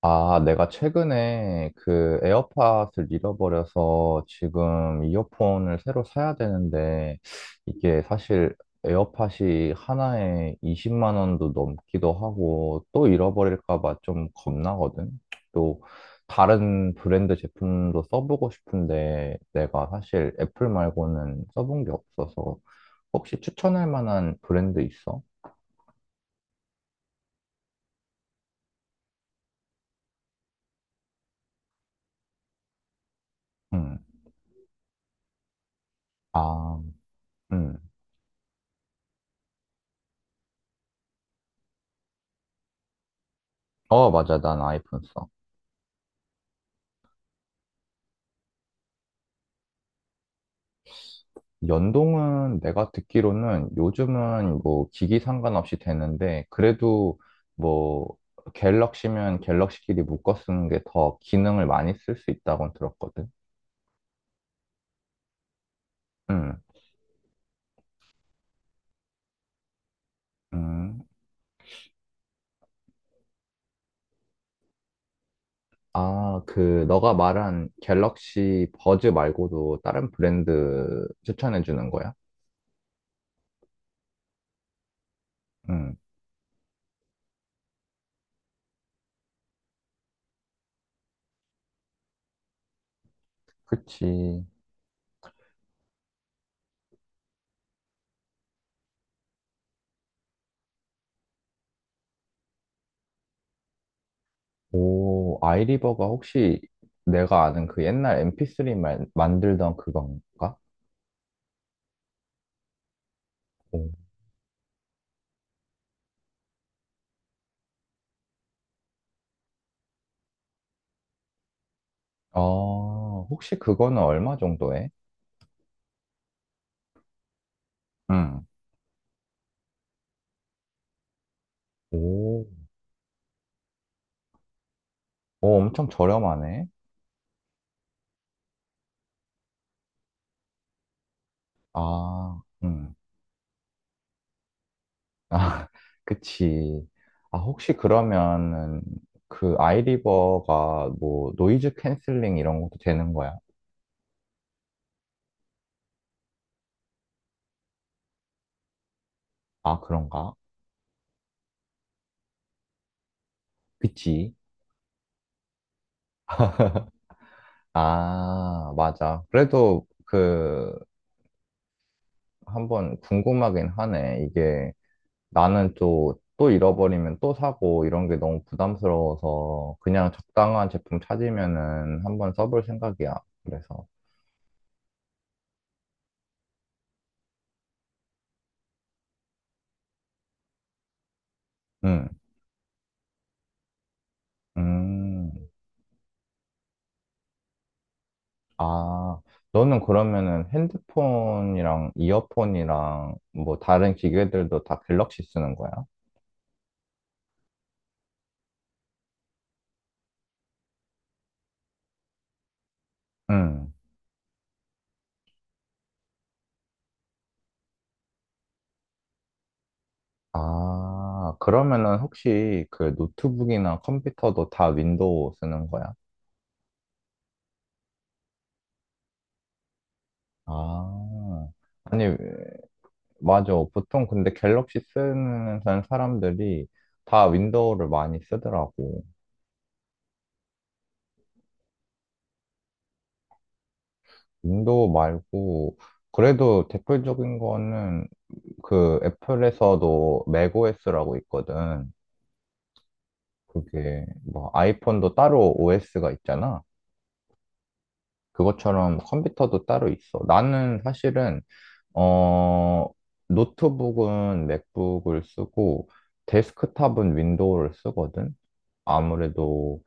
아, 내가 최근에 그 에어팟을 잃어버려서 지금 이어폰을 새로 사야 되는데 이게 사실 에어팟이 하나에 20만 원도 넘기도 하고 또 잃어버릴까 봐 좀 겁나거든. 또 다른 브랜드 제품도 써보고 싶은데 내가 사실 애플 말고는 써본 게 없어서 혹시 추천할 만한 브랜드 있어? 응. 아, 응. 어, 맞아. 난 아이폰 써. 연동은 내가 듣기로는 요즘은 뭐 기기 상관없이 되는데 그래도 뭐 갤럭시면 갤럭시끼리 묶어 쓰는 게 더 기능을 많이 쓸 수 있다고 들었거든. 음, 음. 아, 그 너가 말한 갤럭시 버즈 말고도 다른 브랜드 추천해 주는 거야? 음, 그치. 오, 아이리버가 혹시 내가 아는 그 옛날 MP3 만들던 그건가? 혹시 그거는 얼마 정도 해? 응. 오, 오, 엄청 저렴하네. 아, 응. 아, 그치. 아, 혹시 그러면은 그 아이리버가 뭐 노이즈 캔슬링 이런 것도 되는 거야? 아, 그런가? 그치. 아, 맞아. 그래도 그 한번 궁금하긴 하네. 이게 나는 또 잃어버리면 또 사고 이런 게 너무 부담스러워서 그냥 적당한 제품 찾으면은 한번 써볼 생각이야. 그래서, 음, 음, 아, 너는 그러면은 핸드폰이랑 이어폰이랑 뭐 다른 기계들도 다 갤럭시 쓰는 거야? 음, 아, 그러면은 혹시 그 노트북이나 컴퓨터도 다 윈도우 쓰는 거야? 아, 아니, 맞아. 보통 근데 갤럭시 쓰는 사람들이 다 윈도우를 많이 쓰더라고. 윈도우 말고, 그래도 대표적인 거는 그 애플에서도 맥OS라고 있거든. 그게 뭐 아이폰도 따로 OS가 있잖아. 그것처럼 컴퓨터도 따로 있어. 나는 사실은, 어, 노트북은 맥북을 쓰고, 데스크탑은 윈도우를 쓰거든. 아무래도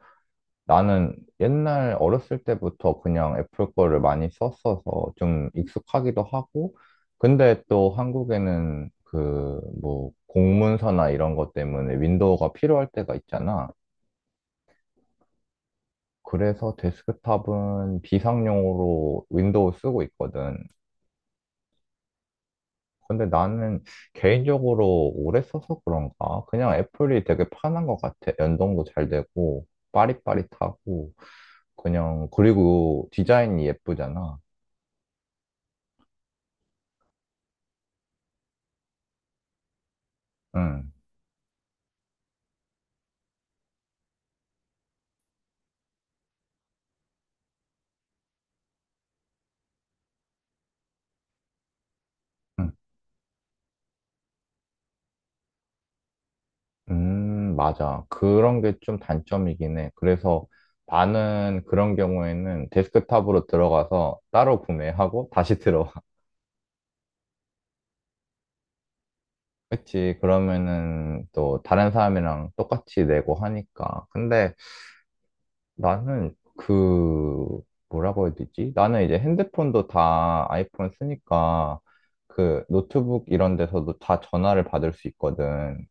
나는 옛날 어렸을 때부터 그냥 애플 거를 많이 썼어서 좀 익숙하기도 하고, 근데 또 한국에는 그 뭐 공문서나 이런 것 때문에 윈도우가 필요할 때가 있잖아. 그래서 데스크탑은 비상용으로 윈도우 쓰고 있거든. 근데 나는 개인적으로 오래 써서 그런가? 그냥 애플이 되게 편한 것 같아. 연동도 잘 되고, 빠릿빠릿하고, 그냥, 그리고 디자인이 예쁘잖아. 응. 음, 맞아. 그런 게 좀 단점이긴 해. 그래서 나는 그런 경우에는 데스크탑으로 들어가서 따로 구매하고 다시 들어와. 그치. 그러면은 또 다른 사람이랑 똑같이 내고 하니까. 근데 나는 그, 뭐라고 해야 되지? 나는 이제 핸드폰도 다 아이폰 쓰니까 그 노트북 이런 데서도 다 전화를 받을 수 있거든.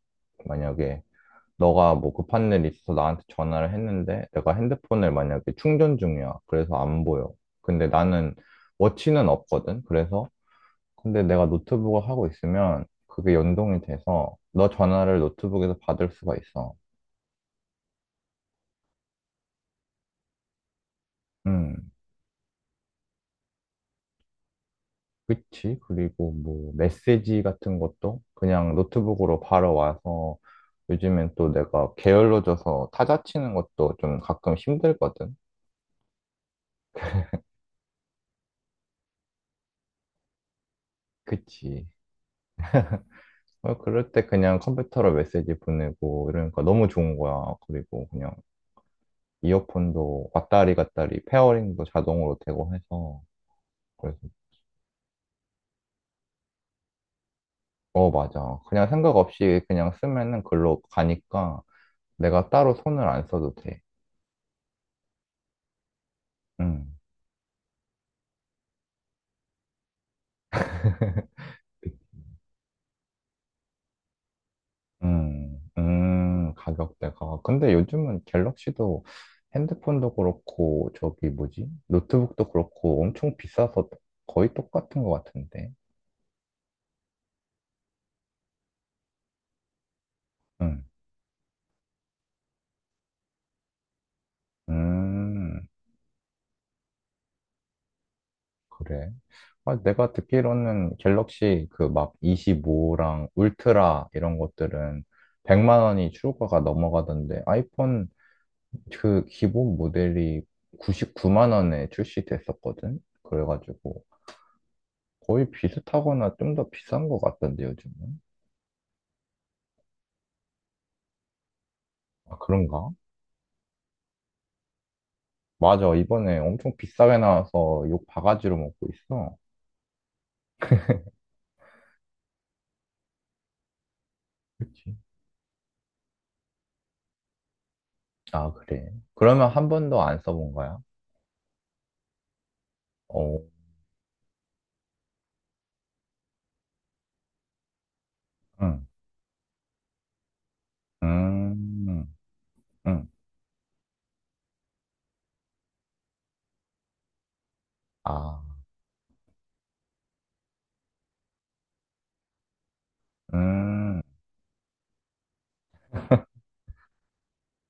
만약에. 너가 뭐 급한 일 있어서 나한테 전화를 했는데 내가 핸드폰을 만약에 충전 중이야. 그래서 안 보여. 근데 나는 워치는 없거든. 그래서 근데 내가 노트북을 하고 있으면 그게 연동이 돼서 너 전화를 노트북에서 받을 수가 있어. 음, 그치. 그리고 뭐 메시지 같은 것도 그냥 노트북으로 바로 와서 요즘엔 또 내가 게을러져서 타자 치는 것도 좀 가끔 힘들거든. 그치. 어, 그럴 때 그냥 컴퓨터로 메시지 보내고 이러니까 너무 좋은 거야. 그리고 그냥 이어폰도 왔다리 갔다리 페어링도 자동으로 되고 해서 그래서 어, 맞아. 그냥 생각 없이 그냥 쓰면은 글로 가니까 내가 따로 손을 안 써도 돼. 음. 가격대가. 근데 요즘은 갤럭시도 핸드폰도 그렇고, 저기 뭐지? 노트북도 그렇고 엄청 비싸서 거의 똑같은 것 같은데. 음, 음. 그래. 아, 내가 듣기로는 갤럭시 그 막 25랑 울트라 이런 것들은 100만 원이 출고가 넘어가던데 아이폰 그 기본 모델이 99만 원에 출시됐었거든. 그래가지고 거의 비슷하거나 좀 더 비싼 것 같던데 요즘은. 아, 그런가? 맞아. 이번에 엄청 비싸게 나와서 욕 바가지로 먹고 있어. 그치. 아, 그래. 그러면 한 번도 안 써본 거야? 어, 응, 음, 응. 아. 음,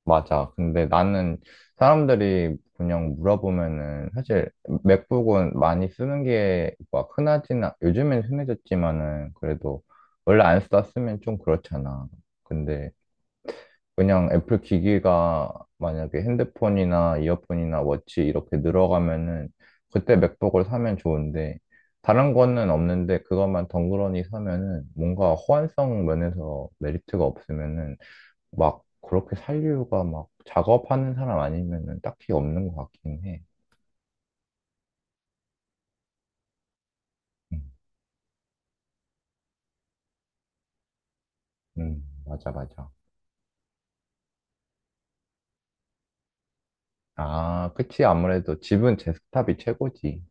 맞아. 근데 나는 사람들이 그냥 물어보면은 사실 맥북은 많이 쓰는 게 막 흔하지는, 요즘엔 흔해졌지만은 그래도 원래 안 썼으면 좀 그렇잖아. 근데 그냥 애플 기기가 만약에 핸드폰이나 이어폰이나 워치 이렇게 늘어가면은 그때 맥북을 사면 좋은데 다른 거는 없는데 그것만 덩그러니 사면은 뭔가 호환성 면에서 메리트가 없으면은 막 그렇게 살 이유가 막 작업하는 사람 아니면은 딱히 없는 것 같긴 해. 음, 맞아, 맞아. 아, 그치. 아무래도 집은 제 스탑이 최고지.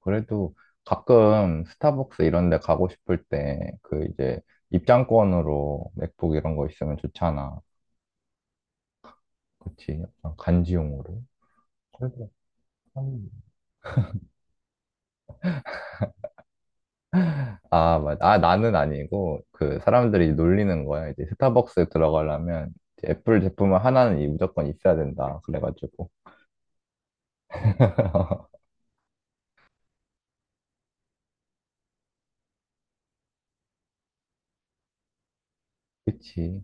그래도 가끔 스타벅스 이런 데 가고 싶을 때 그 이제 입장권으로 맥북 이런 거 있으면 좋잖아. 그치. 약간 간지용으로. 그래. 아, 맞아. 아, 나는 아니고, 그, 사람들이 놀리는 거야. 이제 스타벅스 들어가려면, 이제 애플 제품은 하나는 이 무조건 있어야 된다. 그래가지고. 그치.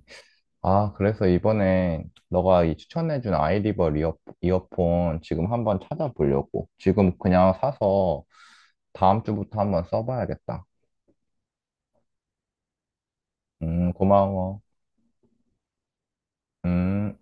아, 그래서 이번에 너가 이 추천해준 아이리버 이어폰 지금 한번 찾아보려고. 지금 그냥 사서 다음 주부터 한번 써봐야겠다. 고마워. 음.